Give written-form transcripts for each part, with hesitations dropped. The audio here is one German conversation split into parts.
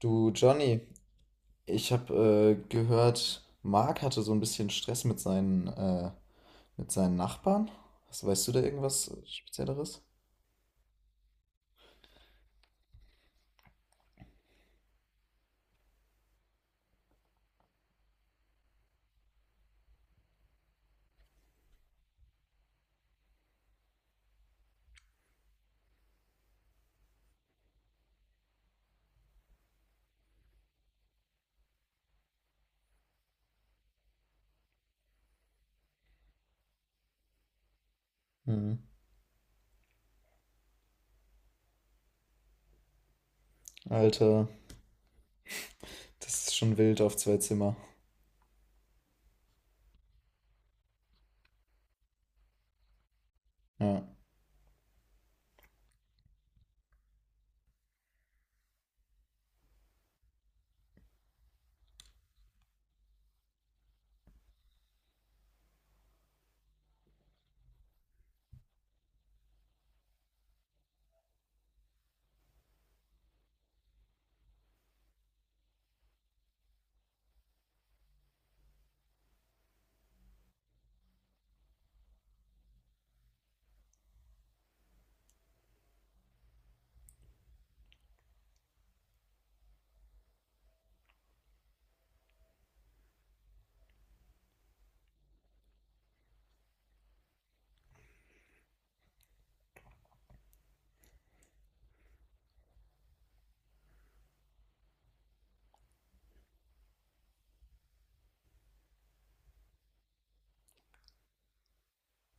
Du Johnny, ich habe gehört, Mark hatte so ein bisschen Stress mit mit seinen Nachbarn. Was, weißt du da irgendwas Spezielleres? Hm. Alter, das ist schon wild auf zwei Zimmer. Ja.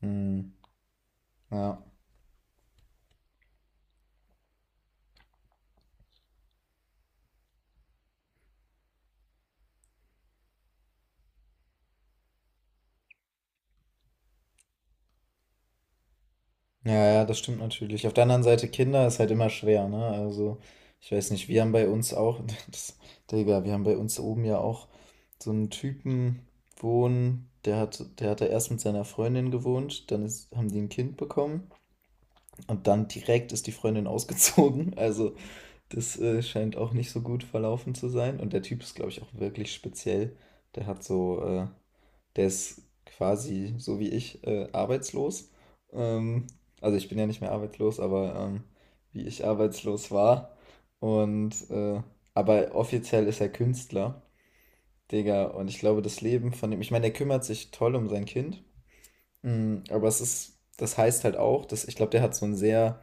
Hm. Ja. Ja, ja, das stimmt natürlich. Auf der anderen Seite, Kinder ist halt immer schwer, ne? Also, ich weiß nicht, wir haben bei uns auch, das, Digga, wir haben bei uns oben ja auch so einen Typen wohnen, der hat da erst mit seiner Freundin gewohnt, haben die ein Kind bekommen. Und dann direkt ist die Freundin ausgezogen. Also das scheint auch nicht so gut verlaufen zu sein. Und der Typ ist, glaube ich, auch wirklich speziell. Der hat so, äh, Der ist quasi so wie ich arbeitslos. Ähm, also ich bin ja nicht mehr arbeitslos, aber wie ich arbeitslos war. Und aber offiziell ist er Künstler, Digga. Und ich glaube, das Leben von dem, ich meine, der kümmert sich toll um sein Kind. Aber das heißt halt auch, dass ich glaube, der hat so ein sehr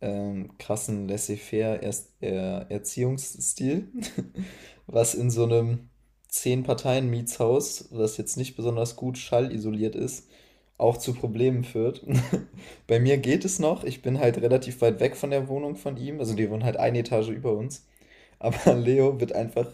krassen laissez-faire Erziehungsstil, was in so einem 10 Parteien Mietshaus, das jetzt nicht besonders gut schallisoliert ist, auch zu Problemen führt. Bei mir geht es noch, ich bin halt relativ weit weg von der Wohnung von ihm, also die wohnen halt eine Etage über uns, aber Leo wird einfach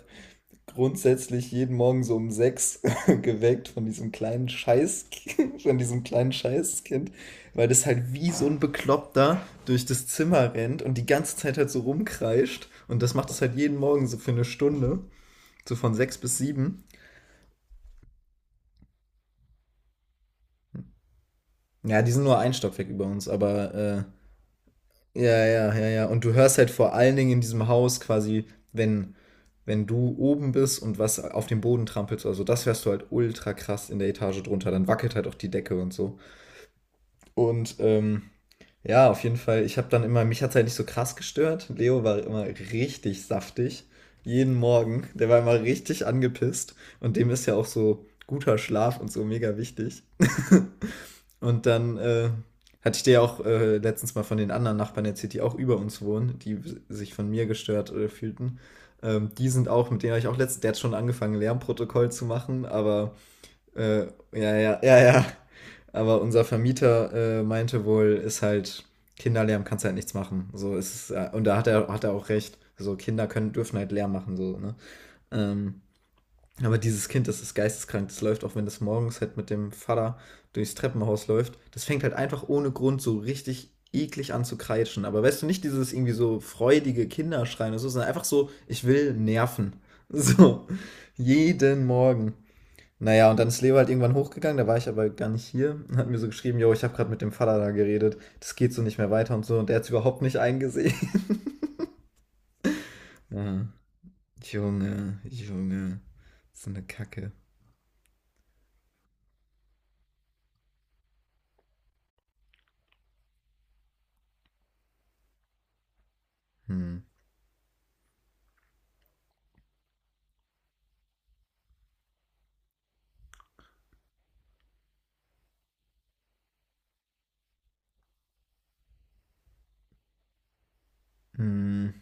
grundsätzlich jeden Morgen so um 6 geweckt von diesem kleinen Scheiß, von diesem kleinen Scheißkind, weil das halt wie so ein Bekloppter durch das Zimmer rennt und die ganze Zeit halt so rumkreischt. Und das macht das halt jeden Morgen so für eine Stunde, so von 6 bis 7. Ja, die sind nur ein Stockwerk über uns, aber ja, ja, ja, ja. Und du hörst halt vor allen Dingen in diesem Haus quasi, wenn, wenn du oben bist und was auf dem Boden trampelst, also das hörst du halt ultra krass in der Etage drunter. Dann wackelt halt auch die Decke und so. Und ja, auf jeden Fall, ich habe dann immer, mich hat's halt nicht so krass gestört. Leo war immer richtig saftig. Jeden Morgen. Der war immer richtig angepisst. Und dem ist ja auch so guter Schlaf und so mega wichtig. Und dann hatte ich dir ja auch letztens mal von den anderen Nachbarn erzählt, die auch über uns wohnen, die sich von mir gestört fühlten. Die sind auch, mit denen habe ich auch letztens, der hat schon angefangen, Lärmprotokoll zu machen, aber äh, ja, ja, ja, ja. Aber unser Vermieter meinte wohl, ist halt Kinderlärm kannst halt nichts machen. So ist es, ja, und da hat er auch recht. So Kinder können, dürfen halt Lärm machen, so, ne? Ähm, aber dieses Kind, das ist geisteskrank. Das läuft, auch wenn das morgens halt mit dem Vater durchs Treppenhaus läuft. Das fängt halt einfach ohne Grund so richtig eklig an zu kreischen. Aber weißt du, nicht dieses irgendwie so freudige Kinderschreien oder so, sondern einfach so, ich will nerven. So, jeden Morgen. Na ja, und dann ist Leo halt irgendwann hochgegangen, da war ich aber gar nicht hier und hat mir so geschrieben, jo, ich habe gerade mit dem Vater da geredet, das geht so nicht mehr weiter und so und der hat's überhaupt nicht eingesehen. Ja, Junge, Junge, so eine Kacke. Hm. Hm.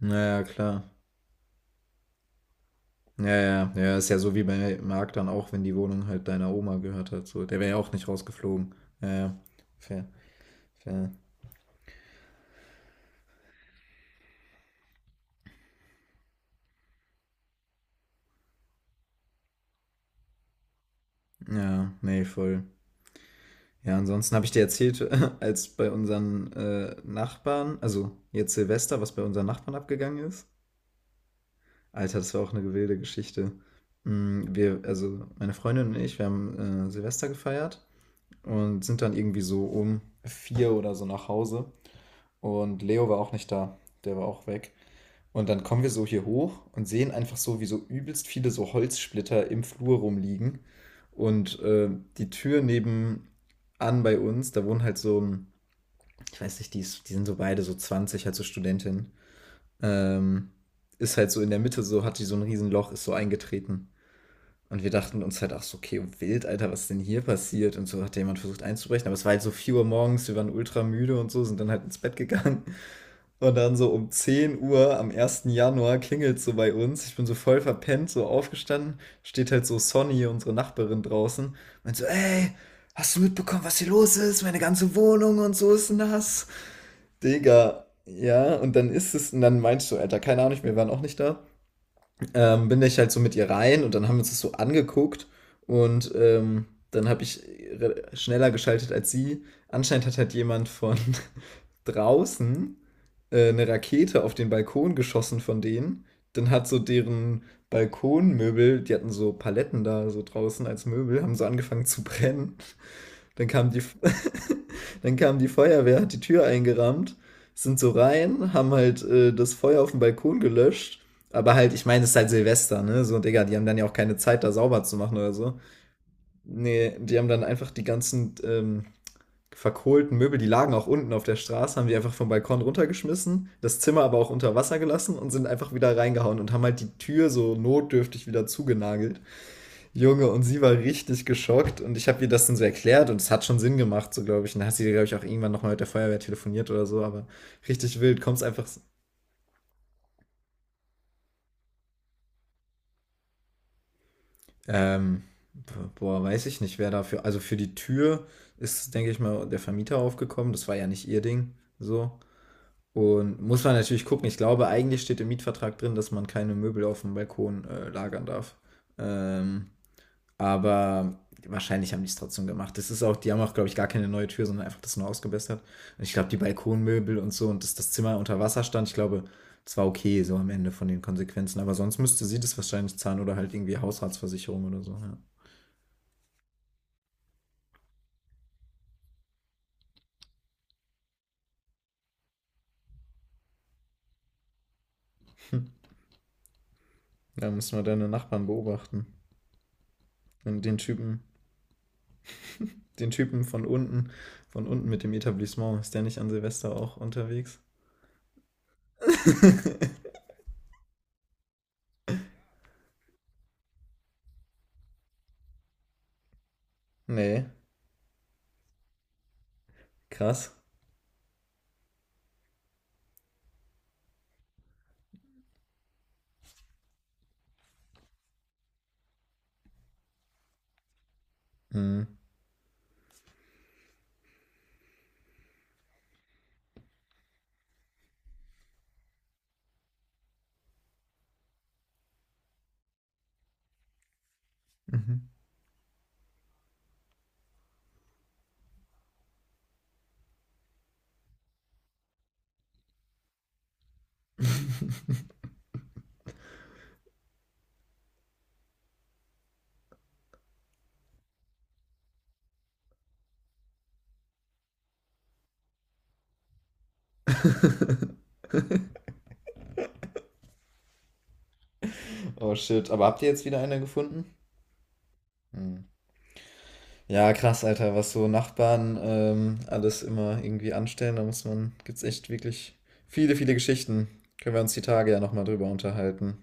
Naja, klar. Ja, ja, ja, ist ja so wie bei Marc dann auch, wenn die Wohnung halt deiner Oma gehört hat, so, der wäre ja auch nicht rausgeflogen. Ja, ja, fair, fair. Ja, nee, voll. Ja, ansonsten habe ich dir erzählt, als bei unseren Nachbarn, also jetzt Silvester, was bei unseren Nachbarn abgegangen ist. Alter, das war auch eine wilde Geschichte. Wir, also meine Freundin und ich, wir haben Silvester gefeiert und sind dann irgendwie so um 4 oder so nach Hause. Und Leo war auch nicht da, der war auch weg. Und dann kommen wir so hier hoch und sehen einfach so, wie so übelst viele so Holzsplitter im Flur rumliegen. Und die Tür nebenan bei uns, da wohnt halt so ein ich weiß nicht, die sind so beide so 20 halt so Studentin. Ähm, Ist halt so in der Mitte, so hat die so ein Riesenloch, ist so eingetreten. Und wir dachten uns halt, ach so, okay, wild, Alter, was ist denn hier passiert? Und so hat jemand versucht einzubrechen. Aber es war halt so 4 Uhr morgens, wir waren ultra müde und so, sind dann halt ins Bett gegangen. Und dann so um 10 Uhr am 1. Januar klingelt so bei uns. Ich bin so voll verpennt, so aufgestanden. Steht halt so Sonny, unsere Nachbarin draußen. Meint so, ey, hast du mitbekommen, was hier los ist? Meine ganze Wohnung und so ist nass. Digga, ja, und dann meinst du, Alter, keine Ahnung, wir waren auch nicht da. Bin ich halt so mit ihr rein und dann haben wir uns das so angeguckt und dann habe ich schneller geschaltet als sie. Anscheinend hat halt jemand von draußen eine Rakete auf den Balkon geschossen von denen. Dann hat so deren Balkonmöbel, die hatten so Paletten da so draußen als Möbel, haben so angefangen zu brennen. Dann kam die, dann kam die Feuerwehr, hat die Tür eingerammt, sind so rein, haben halt das Feuer auf dem Balkon gelöscht. Aber halt, ich meine, es ist halt Silvester, ne? So, Digga, die haben dann ja auch keine Zeit, da sauber zu machen oder so. Nee, die haben dann einfach die ganzen verkohlten Möbel, die lagen auch unten auf der Straße, haben die einfach vom Balkon runtergeschmissen, das Zimmer aber auch unter Wasser gelassen und sind einfach wieder reingehauen und haben halt die Tür so notdürftig wieder zugenagelt. Junge, und sie war richtig geschockt und ich habe ihr das dann so erklärt und es hat schon Sinn gemacht, so glaube ich. Und dann hat sie, glaube ich, auch irgendwann nochmal mit der Feuerwehr telefoniert oder so, aber richtig wild, kommt's einfach. Ähm, boah, weiß ich nicht, wer dafür. Also für die Tür ist, denke ich mal, der Vermieter aufgekommen. Das war ja nicht ihr Ding. So. Und muss man natürlich gucken. Ich glaube, eigentlich steht im Mietvertrag drin, dass man keine Möbel auf dem Balkon lagern darf. Ähm, Aber wahrscheinlich haben die es trotzdem gemacht. Das ist auch, die haben auch, glaube ich, gar keine neue Tür, sondern einfach das nur ausgebessert. Und ich glaube, die Balkonmöbel und so und dass das Zimmer unter Wasser stand, ich glaube, das war okay, so am Ende von den Konsequenzen. Aber sonst müsste sie das wahrscheinlich zahlen oder halt irgendwie Haushaltsversicherung oder so. Ja. Da müssen wir deine Nachbarn beobachten. Und den Typen von unten mit dem Etablissement. Ist der nicht an Silvester auch unterwegs? Nee. Krass. Mhm. Mhm. Oh shit. Aber habt ihr jetzt wieder einer gefunden? Mhm. Ja, krass, Alter, was so Nachbarn alles immer irgendwie anstellen. Da muss man, gibt's echt wirklich viele, viele Geschichten. Können wir uns die Tage ja nochmal drüber unterhalten.